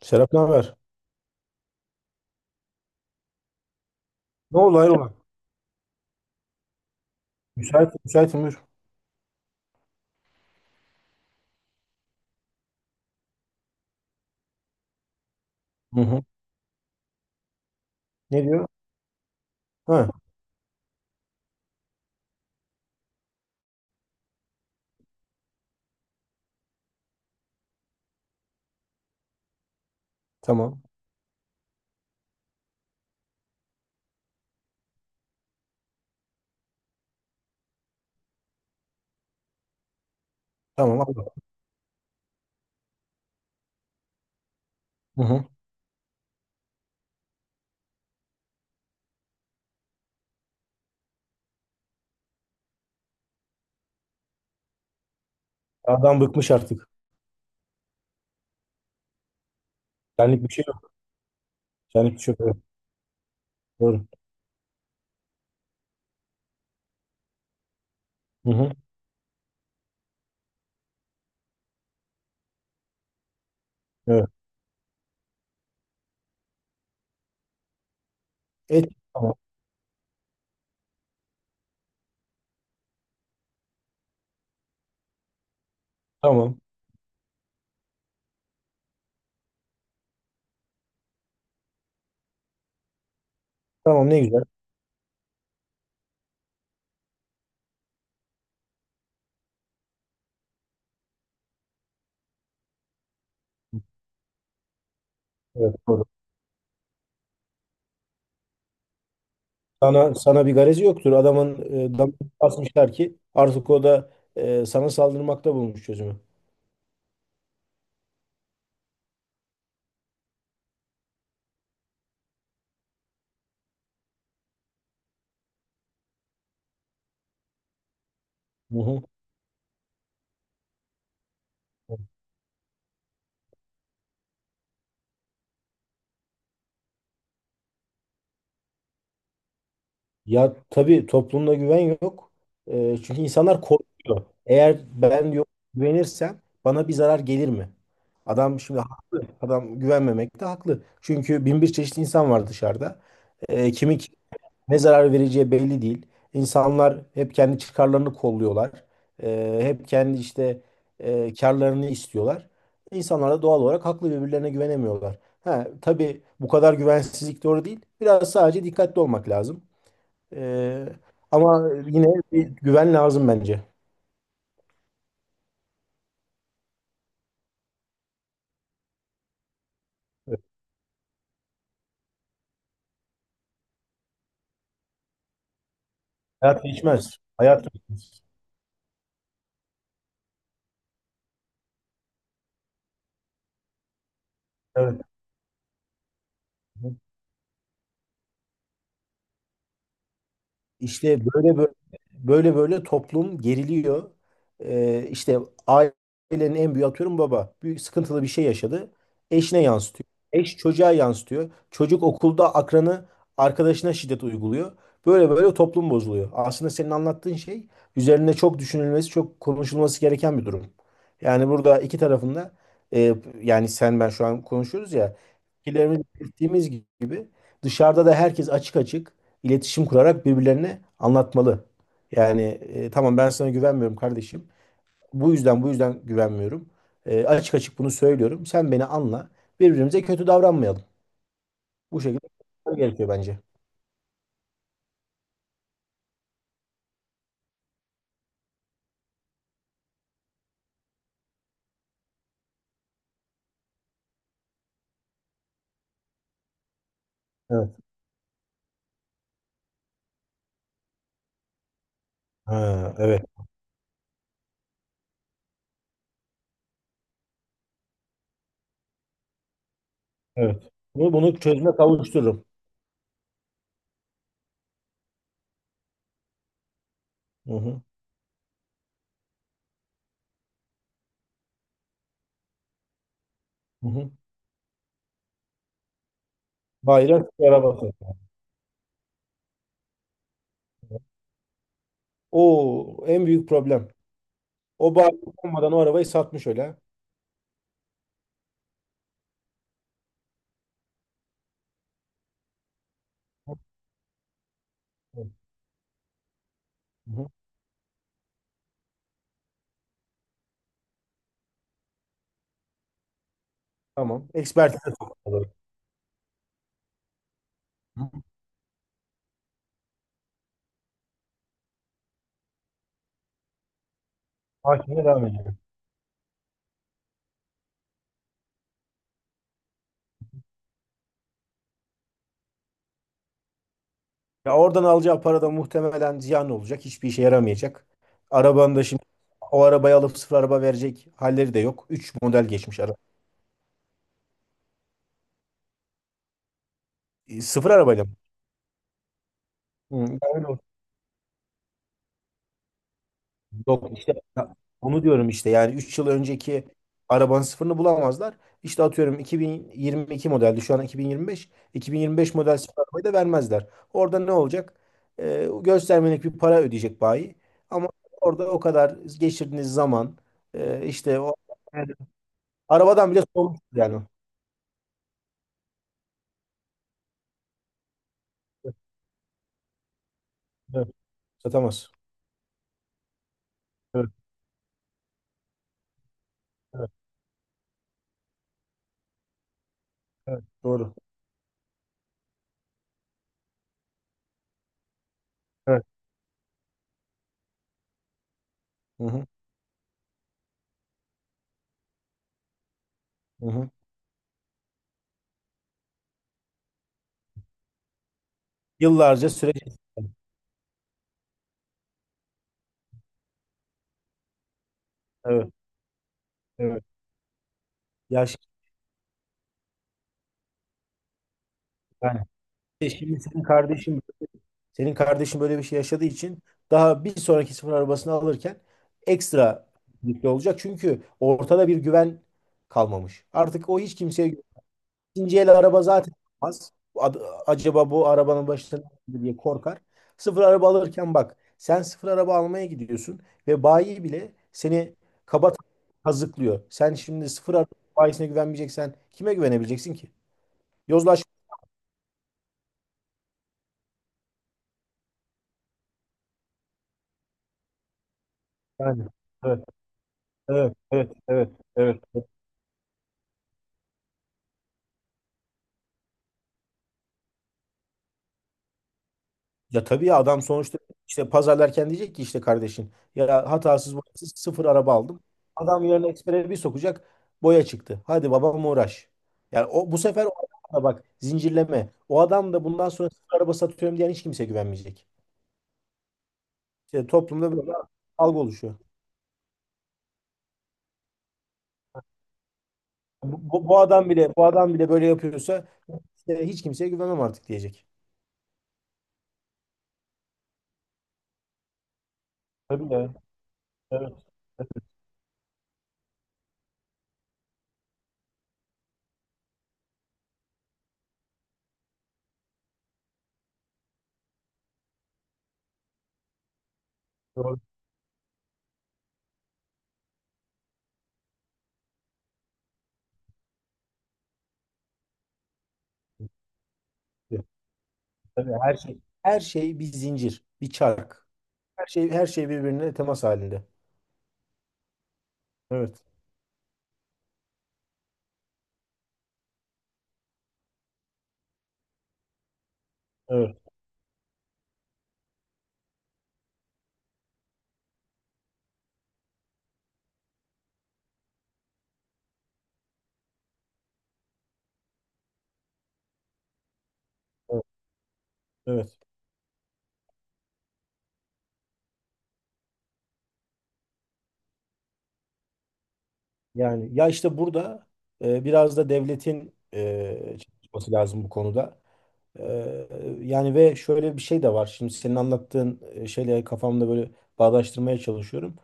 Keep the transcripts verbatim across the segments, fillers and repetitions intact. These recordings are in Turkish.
Serap, ne haber? Ne oldu, hayrola? Müsait, müsaitim buyur. Hı hı. Ne diyor? Ha, tamam. Tamam abla. Hı hı. Adam bıkmış artık. Senlik bir şey yok. Senlik bir şey yok. Evet, doğru. Hı hı. Evet. Et. Tamam. Tamam. Tamam, ne güzel. Evet, doğru. Sana, sana bir garezi yoktur. Adamın e, damarını basmışlar ki artık o da e, sana saldırmakta bulmuş çözümü. Hı hı. Ya tabii, toplumda güven yok. Ee, çünkü insanlar korkuyor. Eğer ben yok güvenirsem bana bir zarar gelir mi? Adam şimdi haklı. Adam güvenmemek de haklı. Çünkü bin bir çeşit insan var dışarıda. Ee, kimi ki- ne zarar vereceği belli değil. İnsanlar hep kendi çıkarlarını kolluyorlar. Ee, hep kendi işte e, karlarını istiyorlar. İnsanlar da doğal olarak haklı, birbirlerine güvenemiyorlar. Ha, tabii bu kadar güvensizlik doğru değil. Biraz sadece dikkatli olmak lazım. Ee, Ama yine bir güven lazım bence. Evet. Hayat değişmez. Hayat değişmez. Evet. İşte böyle böyle böyle böyle toplum geriliyor. Ee, işte ailenin en büyüğü, atıyorum baba, büyük sıkıntılı bir şey yaşadı. Eşine yansıtıyor. Eş çocuğa yansıtıyor. Çocuk okulda akranı arkadaşına şiddet uyguluyor. Böyle böyle toplum bozuluyor. Aslında senin anlattığın şey üzerine çok düşünülmesi, çok konuşulması gereken bir durum. Yani burada iki tarafında e, yani sen ben şu an konuşuyoruz ya, fikirlerimizi belirttiğimiz gibi dışarıda da herkes açık açık iletişim kurarak birbirlerine anlatmalı. Yani e, tamam, ben sana güvenmiyorum kardeşim. Bu yüzden bu yüzden güvenmiyorum. E, açık açık bunu söylüyorum. Sen beni anla. Birbirimize kötü davranmayalım. Bu şekilde gerekiyor bence. Evet. Ha, evet. Evet. Bunu, bunu çözüme kavuştururum. Hı hı. Hı hı. Bayrak arabası. O en büyük problem. O bayrak olmadan o arabayı satmış öyle. Ha. Hı hı. Tamam. Ekspertize sokalım. Hı hı. Hakimle devam edelim. Ya oradan alacağı para da muhtemelen ziyan olacak. Hiçbir işe yaramayacak. Arabanın da şimdi o arabayı alıp sıfır araba verecek halleri de yok. Üç model geçmiş araba. E, sıfır arabayla mı? Hı, ben öyle oldu. Yok işte ya, onu diyorum işte, yani üç yıl önceki arabanın sıfırını bulamazlar. İşte atıyorum, iki bin yirmi iki modeldi, şu an iki bin yirmi beş. iki bin yirmi beş model sıfır arabayı da vermezler. Orada ne olacak? E, göstermelik bir para ödeyecek bayi. Ama orada o kadar geçirdiğiniz zaman e, işte o arabadan bile sorumsuz yani. Evet, evet. Satamaz. Evet, evet, evet, doğru. Evet. Hı hı, hı hı. Evet. Yıllarca süreç. Evet, evet. Ya şimdi Yani E Şimdi senin kardeşin senin kardeşin böyle bir şey yaşadığı için daha bir sonraki sıfır arabasını alırken ekstra dikkatli olacak. Çünkü ortada bir güven kalmamış. Artık o hiç kimseye. İkinci el araba zaten az. Acaba bu arabanın başına ne gelir diye korkar. Sıfır araba alırken bak, sen sıfır araba almaya gidiyorsun ve bayi bile seni kaba kazıklıyor. Sen şimdi sıfır araba bayisine güvenmeyeceksen kime güvenebileceksin ki? Yozlaş. Yani. Evet, evet, evet, evet, evet. Ya tabii ya, adam sonuçta işte pazarlarken diyecek ki, işte kardeşin ya, hatasız boyasız sıfır araba aldım. Adam yarın ekspere bir sokacak, boya çıktı. Hadi babam uğraş. Yani o, bu sefer o adam da bak, zincirleme. O adam da bundan sonra sıfır araba satıyorum diyen hiç kimse güvenmeyecek. İşte toplumda böyle bir algı oluşuyor. Bu, bu, bu adam bile bu adam bile böyle yapıyorsa, işte hiç kimseye güvenemem artık diyecek. Tabii ya. Evet. Doğru. Tabii, her şey her şey bir zincir, bir çark. Her şey her şey birbirine temas halinde. Evet. Evet, evet, evet. Yani ya işte burada e, biraz da devletin e, çalışması lazım bu konuda. E, Yani ve şöyle bir şey de var. Şimdi senin anlattığın e, şeyle kafamda böyle bağdaştırmaya çalışıyorum.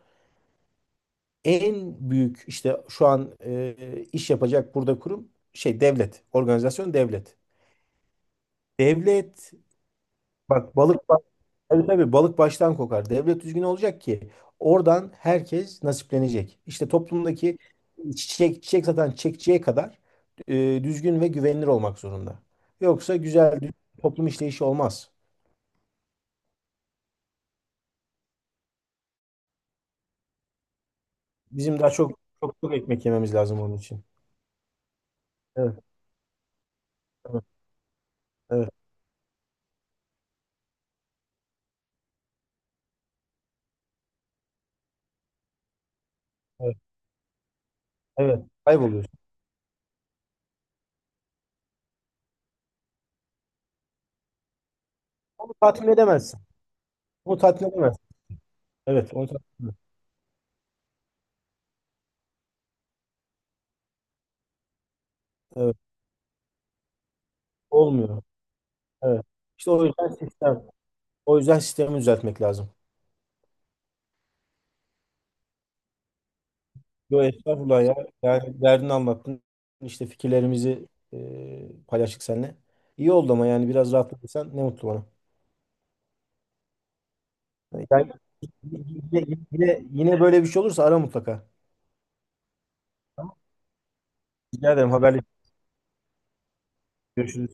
En büyük işte şu an e, iş yapacak burada kurum, şey devlet, organizasyon devlet. Devlet bak, balık. Tabii tabii, balık baştan kokar. Devlet düzgün olacak ki oradan herkes nasiplenecek. İşte toplumdaki çiçek çiçek satan çiçekçiye kadar e, düzgün ve güvenilir olmak zorunda. Yoksa güzel düzgün toplum işleyişi olmaz. Bizim daha çok çok çok ekmek yememiz lazım onun için. Evet, evet, evet, evet. Evet. Kayboluyorsun. Onu tatmin edemezsin. Onu tatmin edemezsin. Evet, onu tatmin edemezsin. Evet, olmuyor. Evet. İşte o yüzden sistem, o yüzden sistemi düzeltmek lazım. Yo estağfurullah ya. Yani derdini anlattın. İşte fikirlerimizi e, paylaştık seninle. İyi oldu ama yani biraz rahatladıysan ne mutlu bana. Yani yine, yine, yine böyle bir şey olursa ara mutlaka. Tamam. Rica ederim, haberleşiriz. Görüşürüz.